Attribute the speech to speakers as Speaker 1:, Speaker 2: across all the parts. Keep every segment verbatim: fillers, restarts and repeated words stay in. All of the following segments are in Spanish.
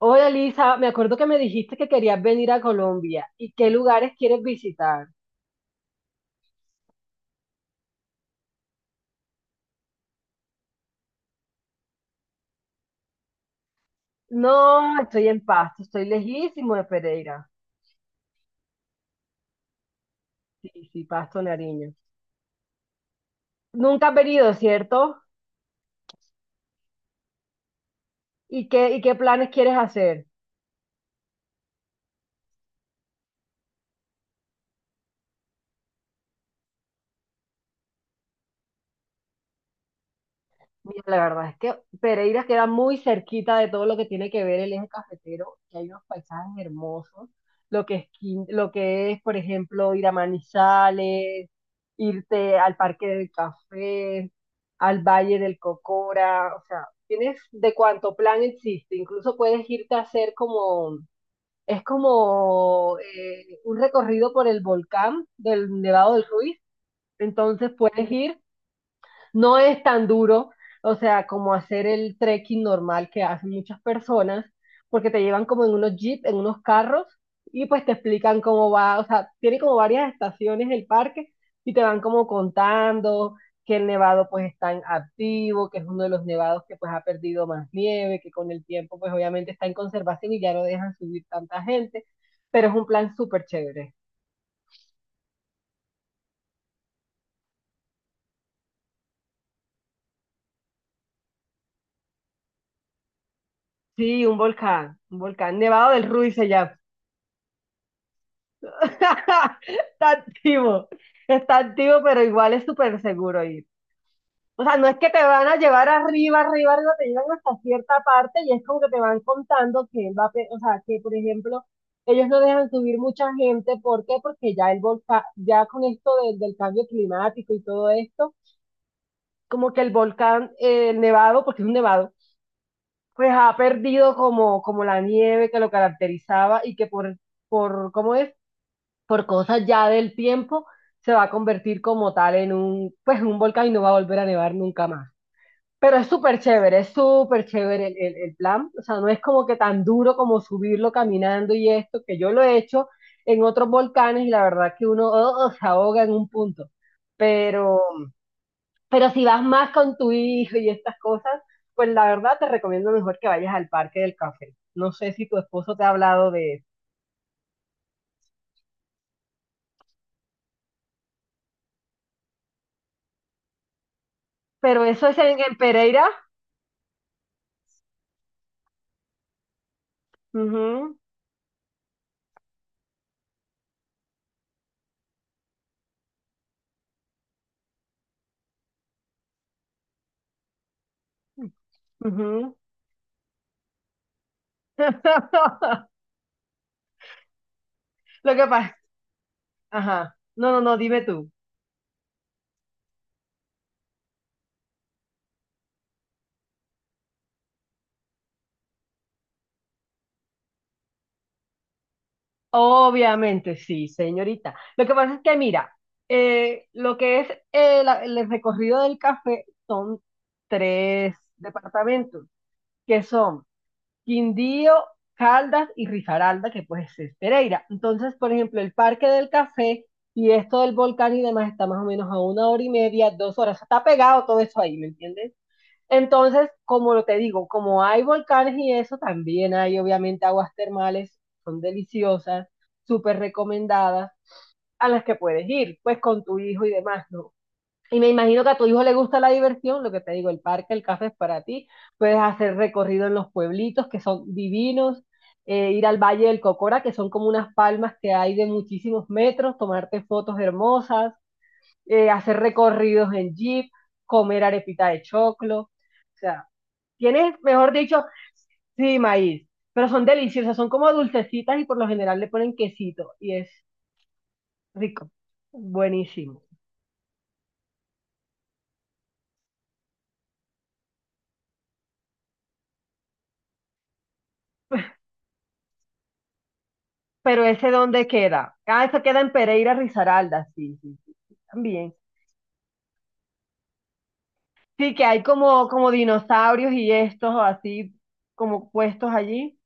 Speaker 1: Hola Lisa, me acuerdo que me dijiste que querías venir a Colombia. ¿Y qué lugares quieres visitar? No, estoy en Pasto, estoy lejísimo de Pereira. Sí, sí, Pasto, Nariño. Nunca has venido, ¿cierto? ¿Y qué, y qué planes quieres hacer? Mira, la verdad es que Pereira queda muy cerquita de todo lo que tiene que ver el eje cafetero, que hay unos paisajes hermosos, lo que es, Quin- lo que es, por ejemplo, ir a Manizales, irte al Parque del Café, al Valle del Cocora, o sea, tienes de cuánto plan existe, incluso puedes irte a hacer como, es como eh, un recorrido por el volcán del Nevado del Ruiz, entonces puedes ir, no es tan duro, o sea, como hacer el trekking normal que hacen muchas personas, porque te llevan como en unos jeeps, en unos carros, y pues te explican cómo va. O sea, tiene como varias estaciones el parque y te van como contando que el nevado pues está en activo, que es uno de los nevados que pues ha perdido más nieve, que con el tiempo pues obviamente está en conservación y ya no dejan subir tanta gente, pero es un plan súper chévere. Sí, un volcán, un volcán, Nevado del Ruiz se llama. Está activo, está activo, pero igual es súper seguro ir. O sea, no es que te van a llevar arriba, arriba, arriba, te llevan hasta cierta parte y es como que te van contando que él va a, pe- o sea, que por ejemplo, ellos no dejan subir mucha gente. ¿Por qué? Porque ya el volcán, ya con esto de- del cambio climático y todo esto, como que el volcán, eh, el nevado, porque es un nevado, pues ha perdido como, como la nieve que lo caracterizaba y que, por, por, ¿cómo es?, por cosas ya del tiempo, se va a convertir como tal en un, pues, un volcán y no va a volver a nevar nunca más. Pero es súper chévere, es súper chévere el, el- el plan. O sea, no es como que tan duro como subirlo caminando y esto, que yo lo he hecho en otros volcanes y la verdad que uno, oh, se ahoga en un punto. Pero, pero si vas más con tu hijo y estas cosas, pues la verdad te recomiendo mejor que vayas al Parque del Café. No sé si tu esposo te ha hablado de eso. Pero eso es en, en Pereira. Ujú. Ujú. Lo que pasa, ajá, no, no, no, dime tú. Obviamente, sí, señorita. Lo que pasa es que, mira, eh, lo que es eh, la- el recorrido del café son tres departamentos, que son Quindío, Caldas y Risaralda, que pues es Pereira. Entonces, por ejemplo, el Parque del Café y esto del volcán y demás está más o menos a una hora y media, dos horas. Está pegado todo eso ahí, ¿me entiendes? Entonces, como te digo, como hay volcanes y eso, también hay obviamente aguas termales, son deliciosas, súper recomendadas, a las que puedes ir, pues con tu hijo y demás, ¿no? Y me imagino que a tu hijo le gusta la diversión, lo que te digo, el parque, el café es para ti, puedes hacer recorrido en los pueblitos que son divinos, eh, ir al Valle del Cocora, que son como unas palmas que hay de muchísimos metros, tomarte fotos hermosas, eh, hacer recorridos en jeep, comer arepita de choclo. O sea, tienes, mejor dicho, sí, maíz, pero son deliciosas, son como dulcecitas y por lo general le ponen quesito y es rico, buenísimo. ¿Pero ese dónde queda? Ah, eso queda en Pereira, Risaralda, sí, sí, sí, también. Sí, que hay como, como dinosaurios y estos así como puestos allí.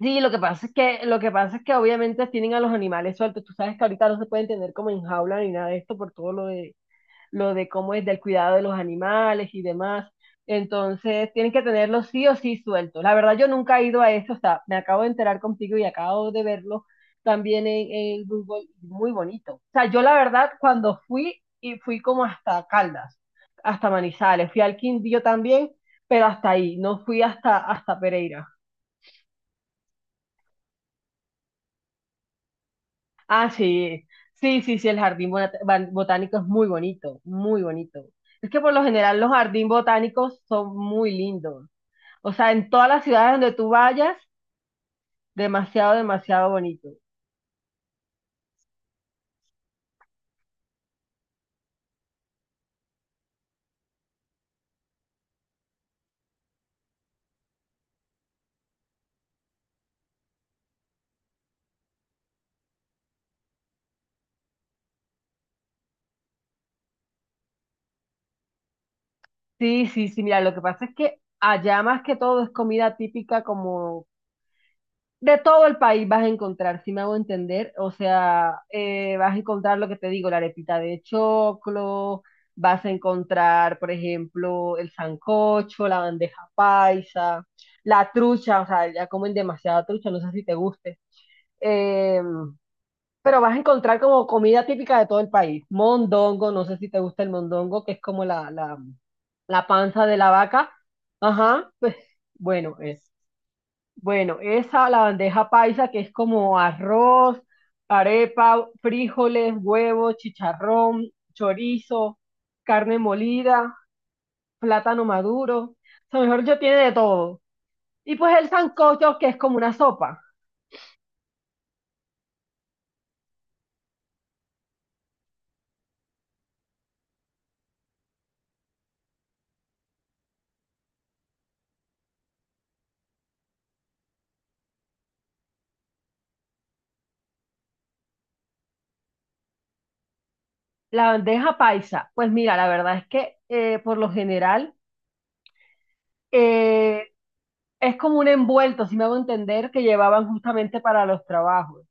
Speaker 1: Sí, lo que pasa es que, lo que pasa es que obviamente tienen a los animales sueltos. Tú sabes que ahorita no se pueden tener como en jaula ni nada de esto por todo lo de lo de cómo es del cuidado de los animales y demás. Entonces, tienen que tenerlo sí o sí suelto. La verdad, yo nunca he ido a eso, o sea, me acabo de enterar contigo y acabo de verlo también en, en Google, muy bonito. O sea, yo la verdad, cuando fui, y fui como hasta Caldas, hasta Manizales, fui al Quindío también, pero hasta ahí, no fui hasta, hasta Pereira. Ah, sí, sí, sí, sí, el jardín bot- botánico es muy bonito, muy bonito. Es que por lo general los jardines botánicos son muy lindos. O sea, en todas las ciudades donde tú vayas, demasiado, demasiado bonito. Sí, sí, sí, mira, lo que pasa es que allá más que todo es comida típica como de todo el país vas a encontrar, si me hago entender, o sea, eh, vas a encontrar lo que te digo, la arepita de choclo, vas a encontrar, por ejemplo, el sancocho, la bandeja paisa, la trucha. O sea, ya comen demasiada trucha, no sé si te guste. Em, Pero vas a encontrar como comida típica de todo el país. Mondongo, no sé si te gusta el mondongo, que es como la, la, la panza de la vaca. Ajá, pues bueno, es. Bueno, esa, la bandeja paisa, que es como arroz, arepa, frijoles, huevos, chicharrón, chorizo, carne molida, plátano maduro. O sea, mejor yo tiene de todo. Y pues el sancocho, que es como una sopa. La bandeja paisa, pues mira, la verdad es que eh, por lo general eh, es como un envuelto, si me hago entender, que llevaban justamente para los trabajos.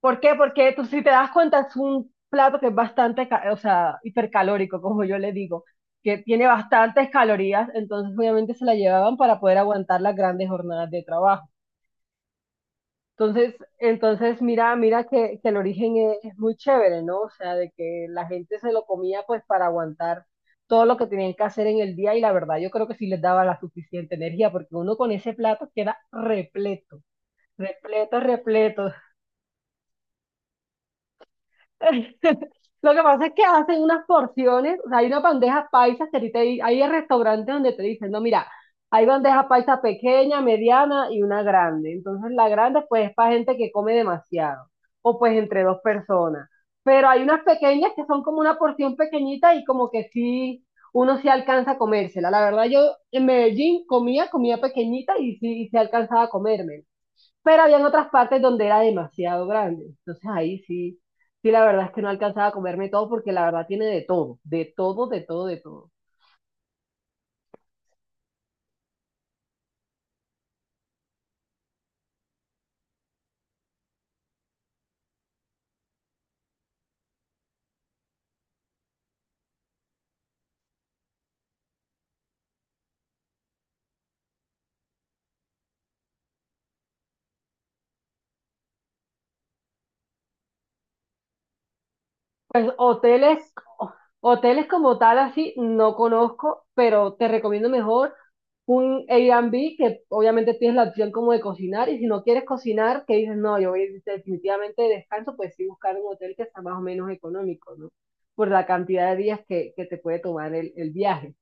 Speaker 1: ¿Por qué? Porque tú, si te das cuenta, es un plato que es bastante, ca- o sea, hipercalórico, como yo le digo, que tiene bastantes calorías, entonces obviamente se la llevaban para poder aguantar las grandes jornadas de trabajo. Entonces, entonces mira, mira que, que el origen es, es muy chévere, ¿no? O sea, de que la gente se lo comía pues para aguantar todo lo que tenían que hacer en el día y la verdad yo creo que sí les daba la suficiente energía porque uno con ese plato queda repleto, repleto, repleto. Lo que pasa es que hacen unas porciones, o sea, hay una bandeja paisa, que a ti te di- hay restaurantes donde te dicen, no, mira, hay bandeja paisa pequeña, mediana y una grande. Entonces la grande pues es para gente que come demasiado o pues entre dos personas. Pero hay unas pequeñas que son como una porción pequeñita y como que sí, uno sí alcanza a comérsela. La verdad yo en Medellín comía, comía pequeñita y sí, y sí alcanzaba a comerme, pero habían otras partes donde era demasiado grande. Entonces ahí sí, sí, la verdad es que no alcanzaba a comerme todo porque la verdad tiene de todo, de todo, de todo, de todo. Pues hoteles, hoteles, como tal así no conozco, pero te recomiendo mejor un Airbnb que obviamente tienes la opción como de cocinar, y si no quieres cocinar, que dices, no, yo voy a ir definitivamente de descanso, pues sí, buscar un hotel que sea más o menos económico, ¿no? Por la cantidad de días que, que te puede tomar el, el viaje.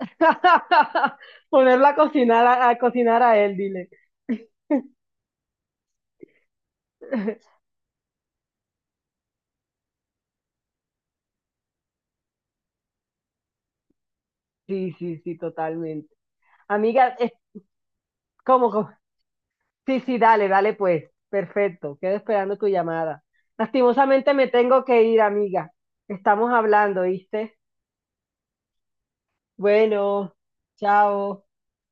Speaker 1: Ponerla a cocinar a, a cocinar a él, dile. Sí, sí, sí, totalmente. Amiga, es como, como- sí, sí, dale, dale pues. Perfecto, quedo esperando tu llamada. Lastimosamente me tengo que ir, amiga. Estamos hablando, ¿viste? Bueno, chao.